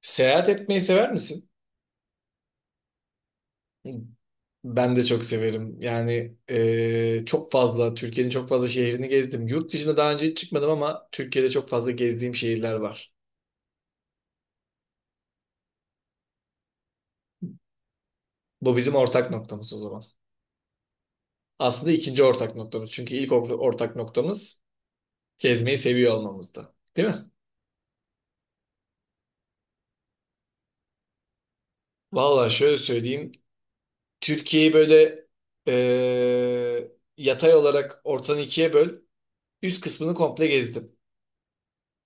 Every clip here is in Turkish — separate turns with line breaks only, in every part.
Seyahat etmeyi sever misin? Ben de çok severim. Çok fazla, Türkiye'nin çok fazla şehrini gezdim. Yurt dışına daha önce hiç çıkmadım ama Türkiye'de çok fazla gezdiğim şehirler var. Bu bizim ortak noktamız o zaman. Aslında ikinci ortak noktamız. Çünkü ortak noktamız gezmeyi seviyor olmamızda. Değil mi? Vallahi şöyle söyleyeyim. Türkiye'yi böyle e, yatay olarak ortadan ikiye böl. Üst kısmını komple gezdim.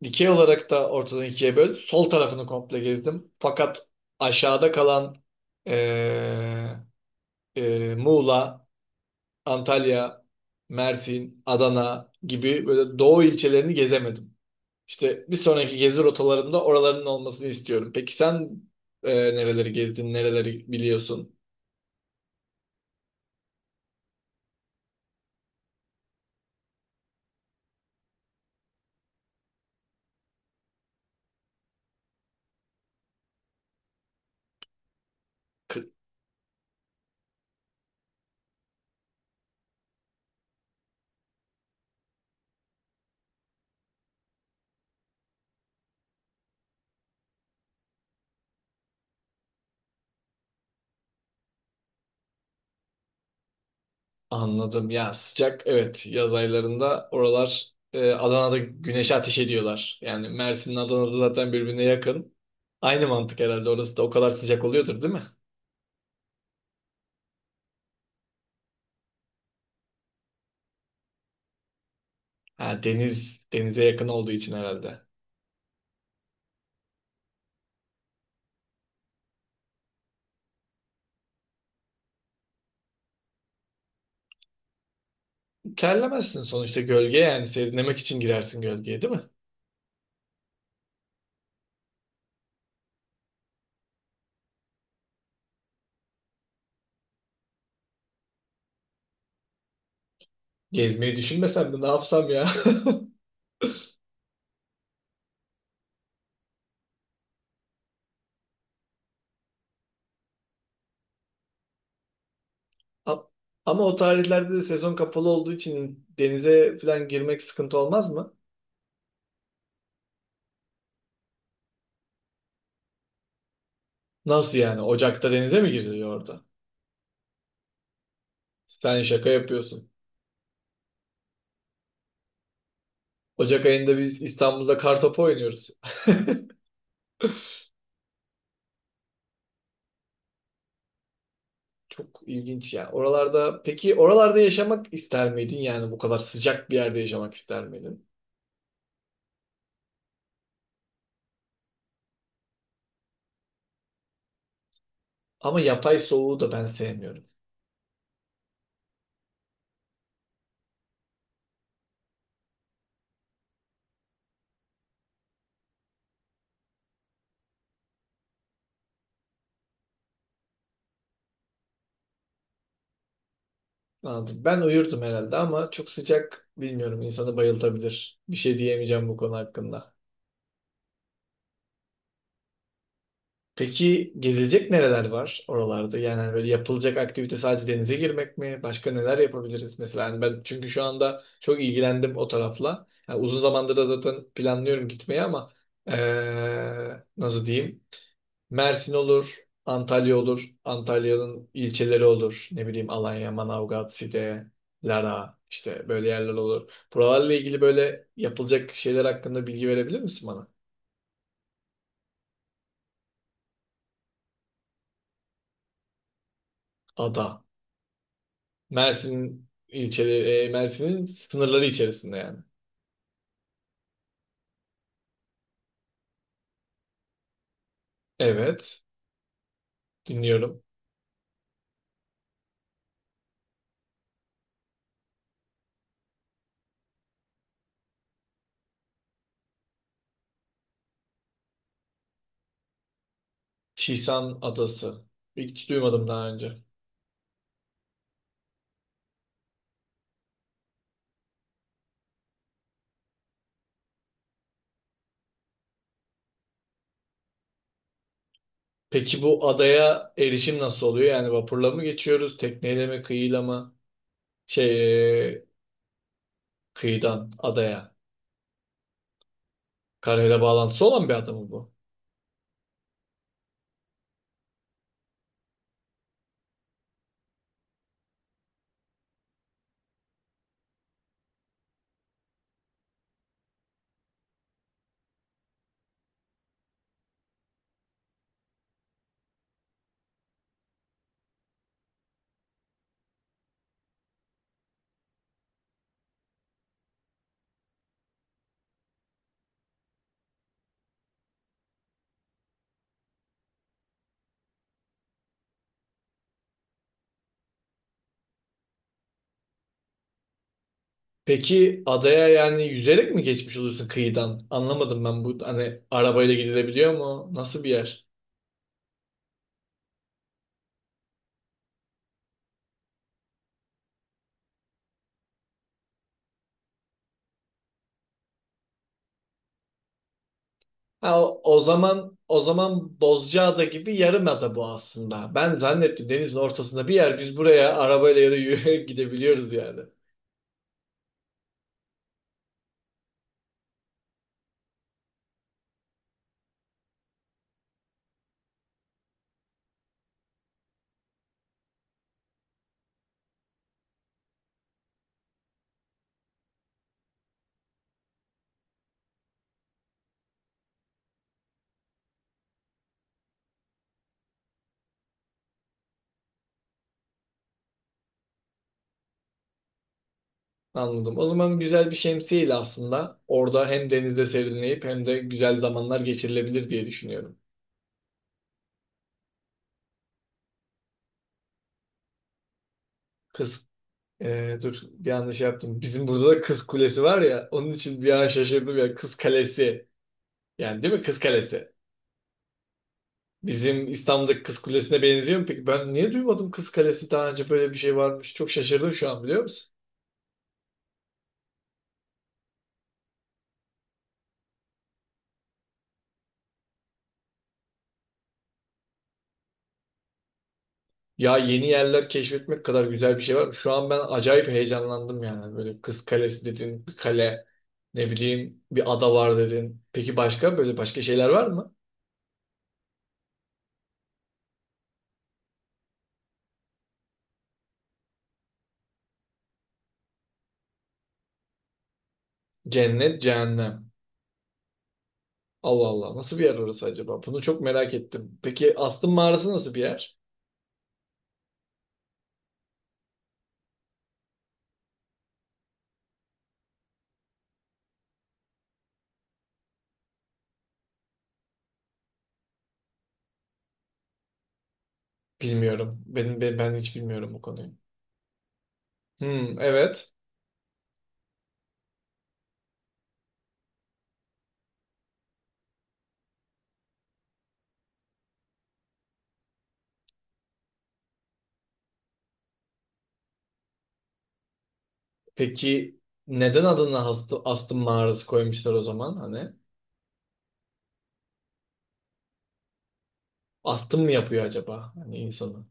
Dikey olarak da ortadan ikiye böl. Sol tarafını komple gezdim. Fakat aşağıda kalan eee, Muğla, Antalya, Mersin, Adana gibi böyle doğu ilçelerini gezemedim. İşte bir sonraki gezi rotalarımda oraların olmasını istiyorum. Peki sen nereleri gezdin, nereleri biliyorsun? Anladım. Ya sıcak evet yaz aylarında oralar, Adana'da güneşe ateş ediyorlar. Yani Mersin'le Adana'da zaten birbirine yakın. Aynı mantık herhalde orası da o kadar sıcak oluyordur değil mi? Ha, deniz denize yakın olduğu için herhalde. Terlemezsin sonuçta gölge yani serinlemek için girersin gölgeye değil mi? Gezmeyi düşünmesem mi ne yapsam ya? A- Ama o tarihlerde de sezon kapalı olduğu için denize falan girmek sıkıntı olmaz mı? Nasıl yani? Ocak'ta denize mi giriliyor orada? Sen şaka yapıyorsun. Ocak ayında biz İstanbul'da kartopu oynuyoruz. Çok ilginç ya. Oralarda peki oralarda yaşamak ister miydin? Yani bu kadar sıcak bir yerde yaşamak ister miydin? Ama yapay soğuğu da ben sevmiyorum. Anladım. Ben uyurdum herhalde ama çok sıcak bilmiyorum insanı bayıltabilir. Bir şey diyemeyeceğim bu konu hakkında. Peki gezilecek nereler var oralarda? Yani hani böyle yapılacak aktivite sadece denize girmek mi? Başka neler yapabiliriz mesela? Hani ben çünkü şu anda çok ilgilendim o tarafla. Yani uzun zamandır da zaten planlıyorum gitmeyi ama nasıl diyeyim? Mersin olur, Antalya olur, Antalya'nın ilçeleri olur. Ne bileyim Alanya, Manavgat, Side, Lara işte böyle yerler olur. Buralarla ilgili böyle yapılacak şeyler hakkında bilgi verebilir misin bana? Ada. Mersin'in sınırları içerisinde yani. Evet, dinliyorum. Tisan Adası. Hiç duymadım daha önce. Peki bu adaya erişim nasıl oluyor? Yani vapurla mı geçiyoruz, tekneyle mi, kıyıyla mı? Şey, e, kıyıdan adaya. Karayla bağlantısı olan bir ada mı bu? Peki adaya yani yüzerek mi geçmiş oluyorsun kıyıdan? Anlamadım ben bu hani arabayla gidilebiliyor mu? Nasıl bir yer? Ha, o zaman Bozcaada gibi yarımada bu aslında. Ben zannettim denizin ortasında bir yer biz buraya arabayla ya da yürüyerek gidebiliyoruz yani. Anladım. O zaman güzel bir şemsiyeyle aslında orada hem denizde serinleyip hem de güzel zamanlar geçirilebilir diye düşünüyorum. Kız... dur bir yanlış yaptım. Bizim burada da Kız Kulesi var ya onun için bir an şaşırdım ya Kız Kalesi. Yani değil mi Kız Kalesi? Bizim İstanbul'daki Kız Kulesi'ne benziyor mu peki? Ben niye duymadım Kız Kalesi daha önce böyle bir şey varmış. Çok şaşırdım şu an biliyor musun? Ya yeni yerler keşfetmek kadar güzel bir şey var. Şu an ben acayip heyecanlandım yani. Böyle Kız Kalesi dedin, bir kale, ne bileyim bir ada var dedin. Peki başka böyle şeyler var mı? Cennet, cehennem. Allah Allah nasıl bir yer orası acaba? Bunu çok merak ettim. Peki Astım Mağarası nasıl bir yer? Bilmiyorum. Ben hiç bilmiyorum bu konuyu. Hmm, evet. Peki neden adına hastı, astım mağarası koymuşlar o zaman hani? Astım mı yapıyor acaba hani insanı?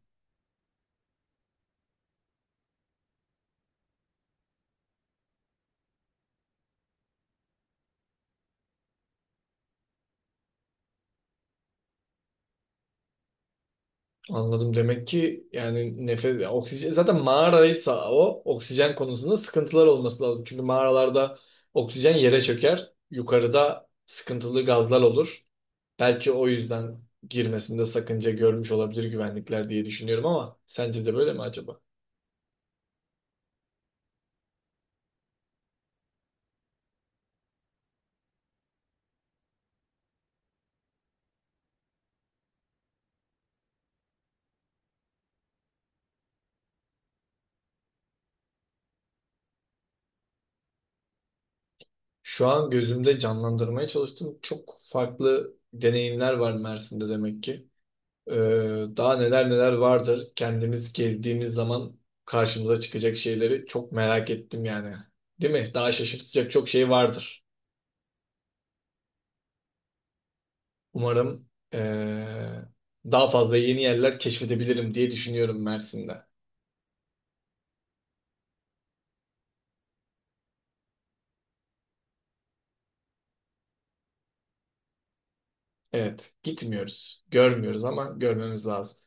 Anladım demek ki yani nefes oksijen zaten mağaraysa o oksijen konusunda sıkıntılar olması lazım. Çünkü mağaralarda oksijen yere çöker. Yukarıda sıkıntılı gazlar olur. Belki o yüzden girmesinde sakınca görmüş olabilir güvenlikler diye düşünüyorum ama sence de böyle mi acaba? Şu an gözümde canlandırmaya çalıştım. Çok farklı deneyimler var Mersin'de demek ki. Ee, daha neler neler vardır. Kendimiz gezdiğimiz zaman karşımıza çıkacak şeyleri çok merak ettim yani. Değil mi? Daha şaşırtacak çok şey vardır. Umarım daha fazla yeni yerler keşfedebilirim diye düşünüyorum Mersin'de. Evet, gitmiyoruz, görmüyoruz ama görmemiz lazım.